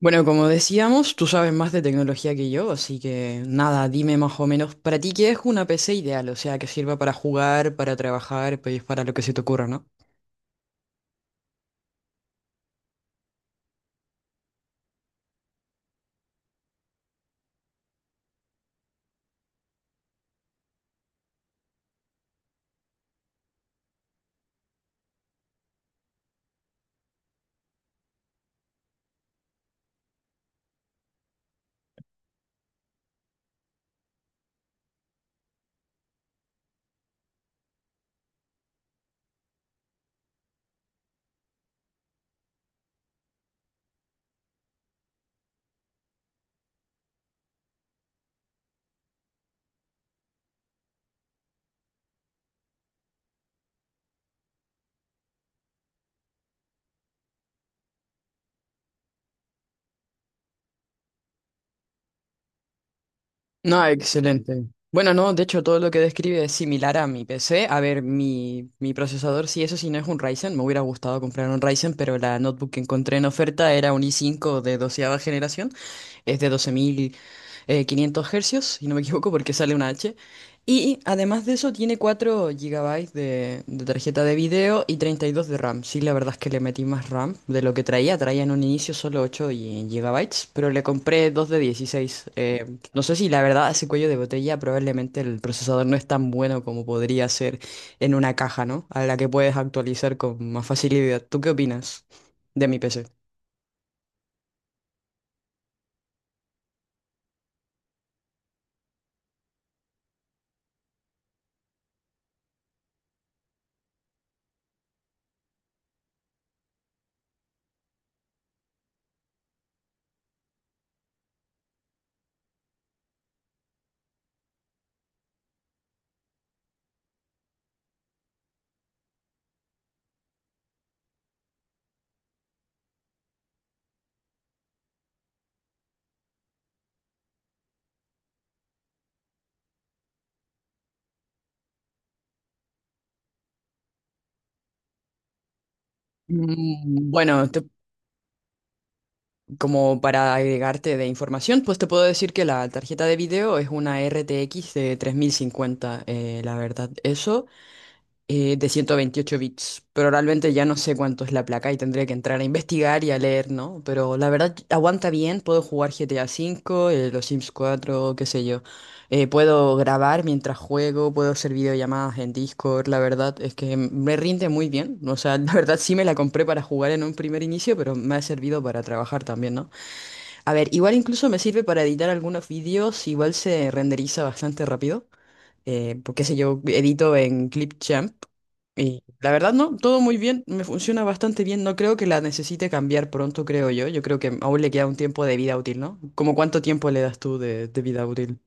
Bueno, como decíamos, tú sabes más de tecnología que yo, así que nada, dime más o menos, para ti, ¿qué es una PC ideal? O sea, que sirva para jugar, para trabajar, pues para lo que se te ocurra, ¿no? No, excelente. Bueno, no, de hecho, todo lo que describe es similar a mi PC. A ver, mi procesador, sí, eso sí, no es un Ryzen. Me hubiera gustado comprar un Ryzen, pero la notebook que encontré en oferta era un i5 de doceava generación. Es de doce mil quinientos hercios, si no me equivoco, porque sale una H. Y además de eso tiene 4 GB de tarjeta de video y 32 de RAM. Sí, la verdad es que le metí más RAM de lo que traía. Traía en un inicio solo 8 y- GB, pero le compré 2 de 16. No sé si la verdad a ese cuello de botella, probablemente el procesador no es tan bueno como podría ser en una caja, ¿no? A la que puedes actualizar con más facilidad. ¿Tú qué opinas de mi PC? Mm, Bueno, te- Como para agregarte de información, pues te puedo decir que la tarjeta de video es una RTX de 3050, la verdad, eso, de 128 bits. Pero realmente ya no sé cuánto es la placa y tendré que entrar a investigar y a leer, ¿no? Pero la verdad, aguanta bien, puedo jugar GTA cinco, los Sims cuatro, qué sé yo. Puedo grabar mientras juego, puedo hacer videollamadas en Discord, la verdad es que me rinde muy bien. O sea, la verdad sí me la compré para jugar en un primer inicio, pero me ha servido para trabajar también, ¿no? A ver, igual incluso me sirve para editar algunos vídeos, igual se renderiza bastante rápido, porque sé yo, edito en Clipchamp y la verdad no, todo muy bien, me funciona bastante bien, no creo que la necesite cambiar pronto, creo yo, yo creo que aún le queda un tiempo de vida útil, ¿no? ¿Cómo cuánto tiempo le das tú de vida útil?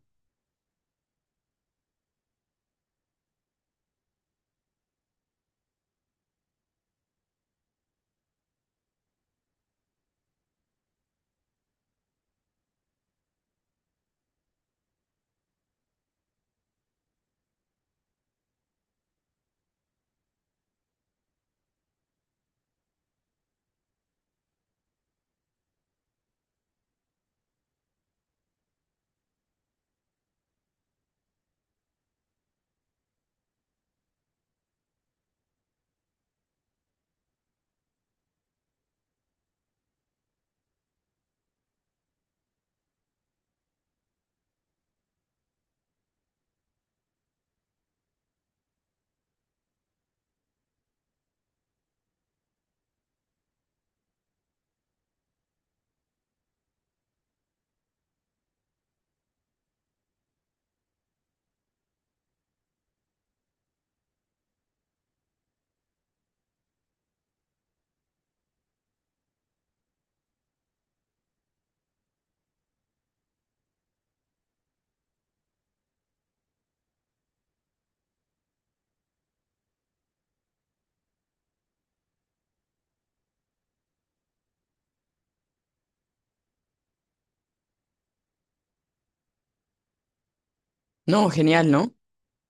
No, genial, ¿no?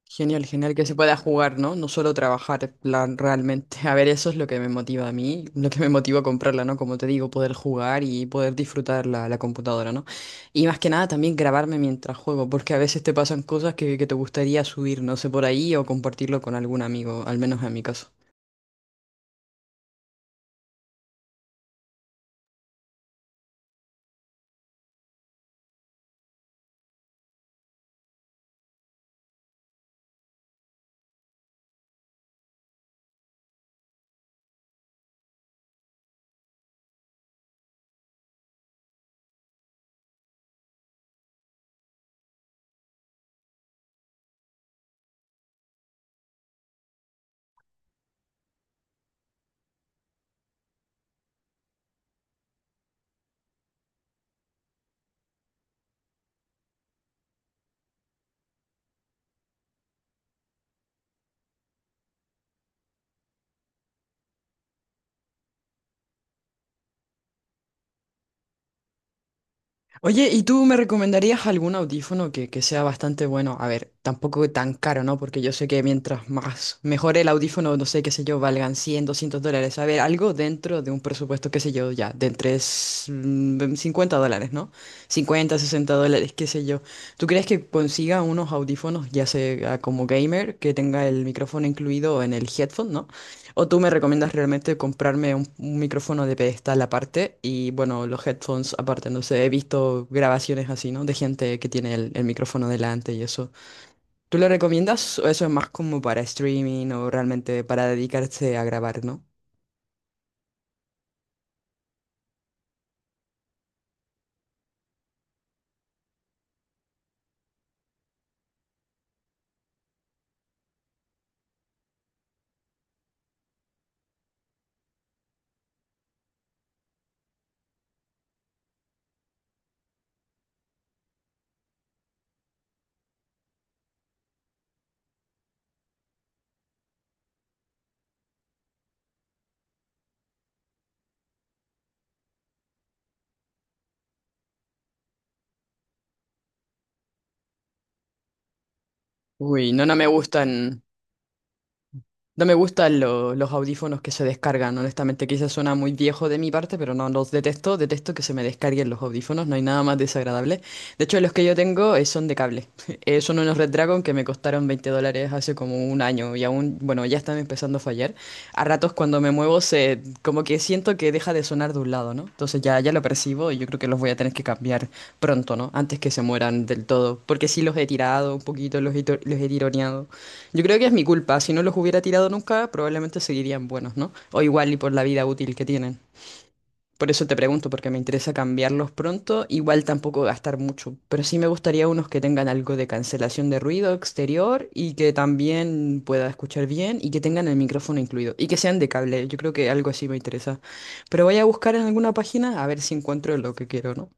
Genial, genial que se pueda jugar, ¿no? No solo trabajar, en plan, realmente. A ver, eso es lo que me motiva a mí, lo que me motiva a comprarla, ¿no? Como te digo, poder jugar y poder disfrutar la computadora, ¿no? Y más que nada también grabarme mientras juego, porque a veces te pasan cosas que te gustaría subir, no sé, por ahí o compartirlo con algún amigo, al menos en mi caso. Oye, ¿y tú me recomendarías algún audífono que sea bastante bueno? A ver, tampoco tan caro, ¿no? Porque yo sé que mientras más mejor el audífono, no sé, qué sé yo, valgan $100, $200. A ver, algo dentro de un presupuesto, qué sé yo, ya, de entre $50, ¿no? $50, $60, qué sé yo. ¿Tú crees que consiga unos audífonos, ya sea como gamer, que tenga el micrófono incluido en el headphone, ¿no? O tú me recomiendas realmente comprarme un micrófono de pedestal aparte y bueno, los headphones aparte. No sé, he visto grabaciones así, ¿no? De gente que tiene el micrófono delante y eso. ¿Tú lo recomiendas o eso es más como para streaming o realmente para dedicarse a grabar, ¿no? Uy, no, no me gustan. No me gustan los audífonos que se descargan, honestamente. Quizás suena muy viejo de mi parte, pero no los detesto. Detesto que se me descarguen los audífonos, no hay nada más desagradable. De hecho, los que yo tengo, son de cable. Son unos Red Dragon que me costaron $20 hace como un año y aún, bueno, ya están empezando a fallar. A ratos cuando me muevo, se, como que siento que deja de sonar de un lado, ¿no? Entonces ya, ya lo percibo y yo creo que los voy a tener que cambiar pronto, ¿no? Antes que se mueran del todo, porque sí los he tirado un poquito, los he, los he tironeado. Yo creo que es mi culpa. Si no los hubiera tirado nunca, probablemente seguirían buenos, ¿no? O igual y por la vida útil que tienen. Por eso te pregunto, porque me interesa cambiarlos pronto, igual tampoco gastar mucho, pero sí me gustaría unos que tengan algo de cancelación de ruido exterior y que también pueda escuchar bien y que tengan el micrófono incluido y que sean de cable, yo creo que algo así me interesa. Pero voy a buscar en alguna página a ver si encuentro lo que quiero, ¿no?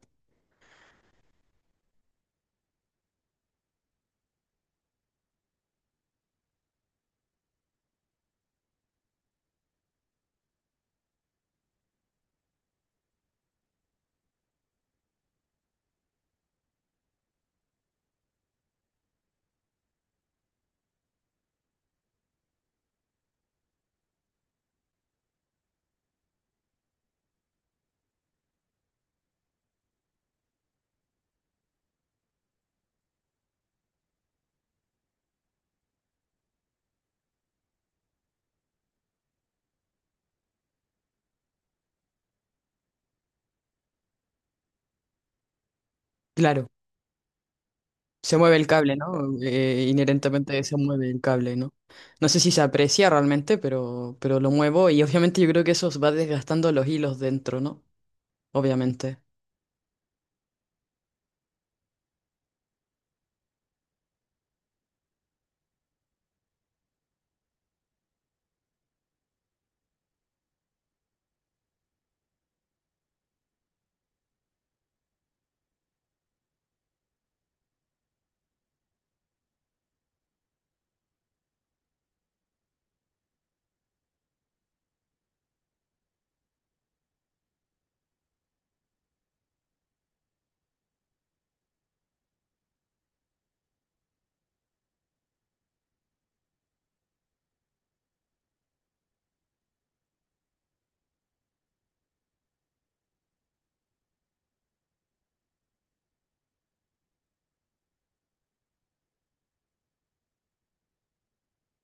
Claro, se mueve el cable, ¿no? Inherentemente se mueve el cable, ¿no? No sé si se aprecia realmente, pero lo muevo y obviamente yo creo que eso os va desgastando los hilos dentro, ¿no? Obviamente.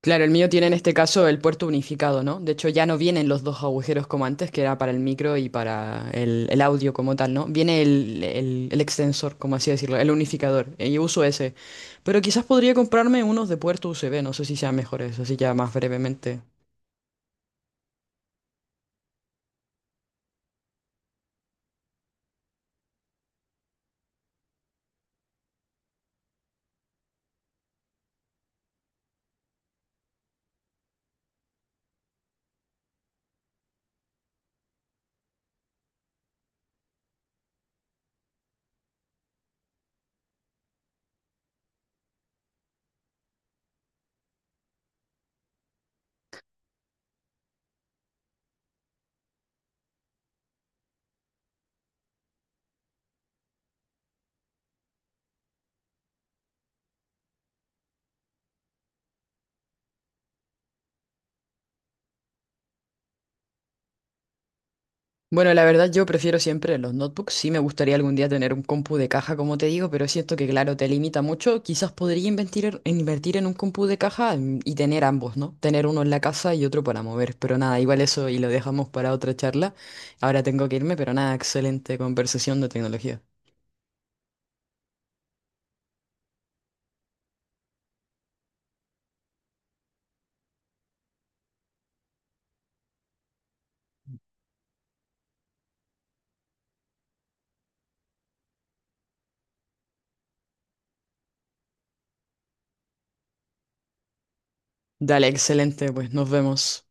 Claro, el mío tiene en este caso el puerto unificado, ¿no? De hecho, ya no vienen los dos agujeros como antes, que era para el micro y para el audio como tal, ¿no? Viene el extensor, como así decirlo, el unificador. Y uso ese. Pero quizás podría comprarme unos de puerto USB, no sé si sean mejores, así ya más brevemente. Bueno, la verdad yo prefiero siempre los notebooks. Sí me gustaría algún día tener un compu de caja, como te digo, pero siento que, claro, te limita mucho. Quizás podría invertir, invertir en un compu de caja, y tener ambos, ¿no? Tener uno en la casa y otro para mover. Pero nada, igual eso y lo dejamos para otra charla. Ahora tengo que irme, pero nada, excelente conversación de tecnología. Dale, excelente, pues nos vemos.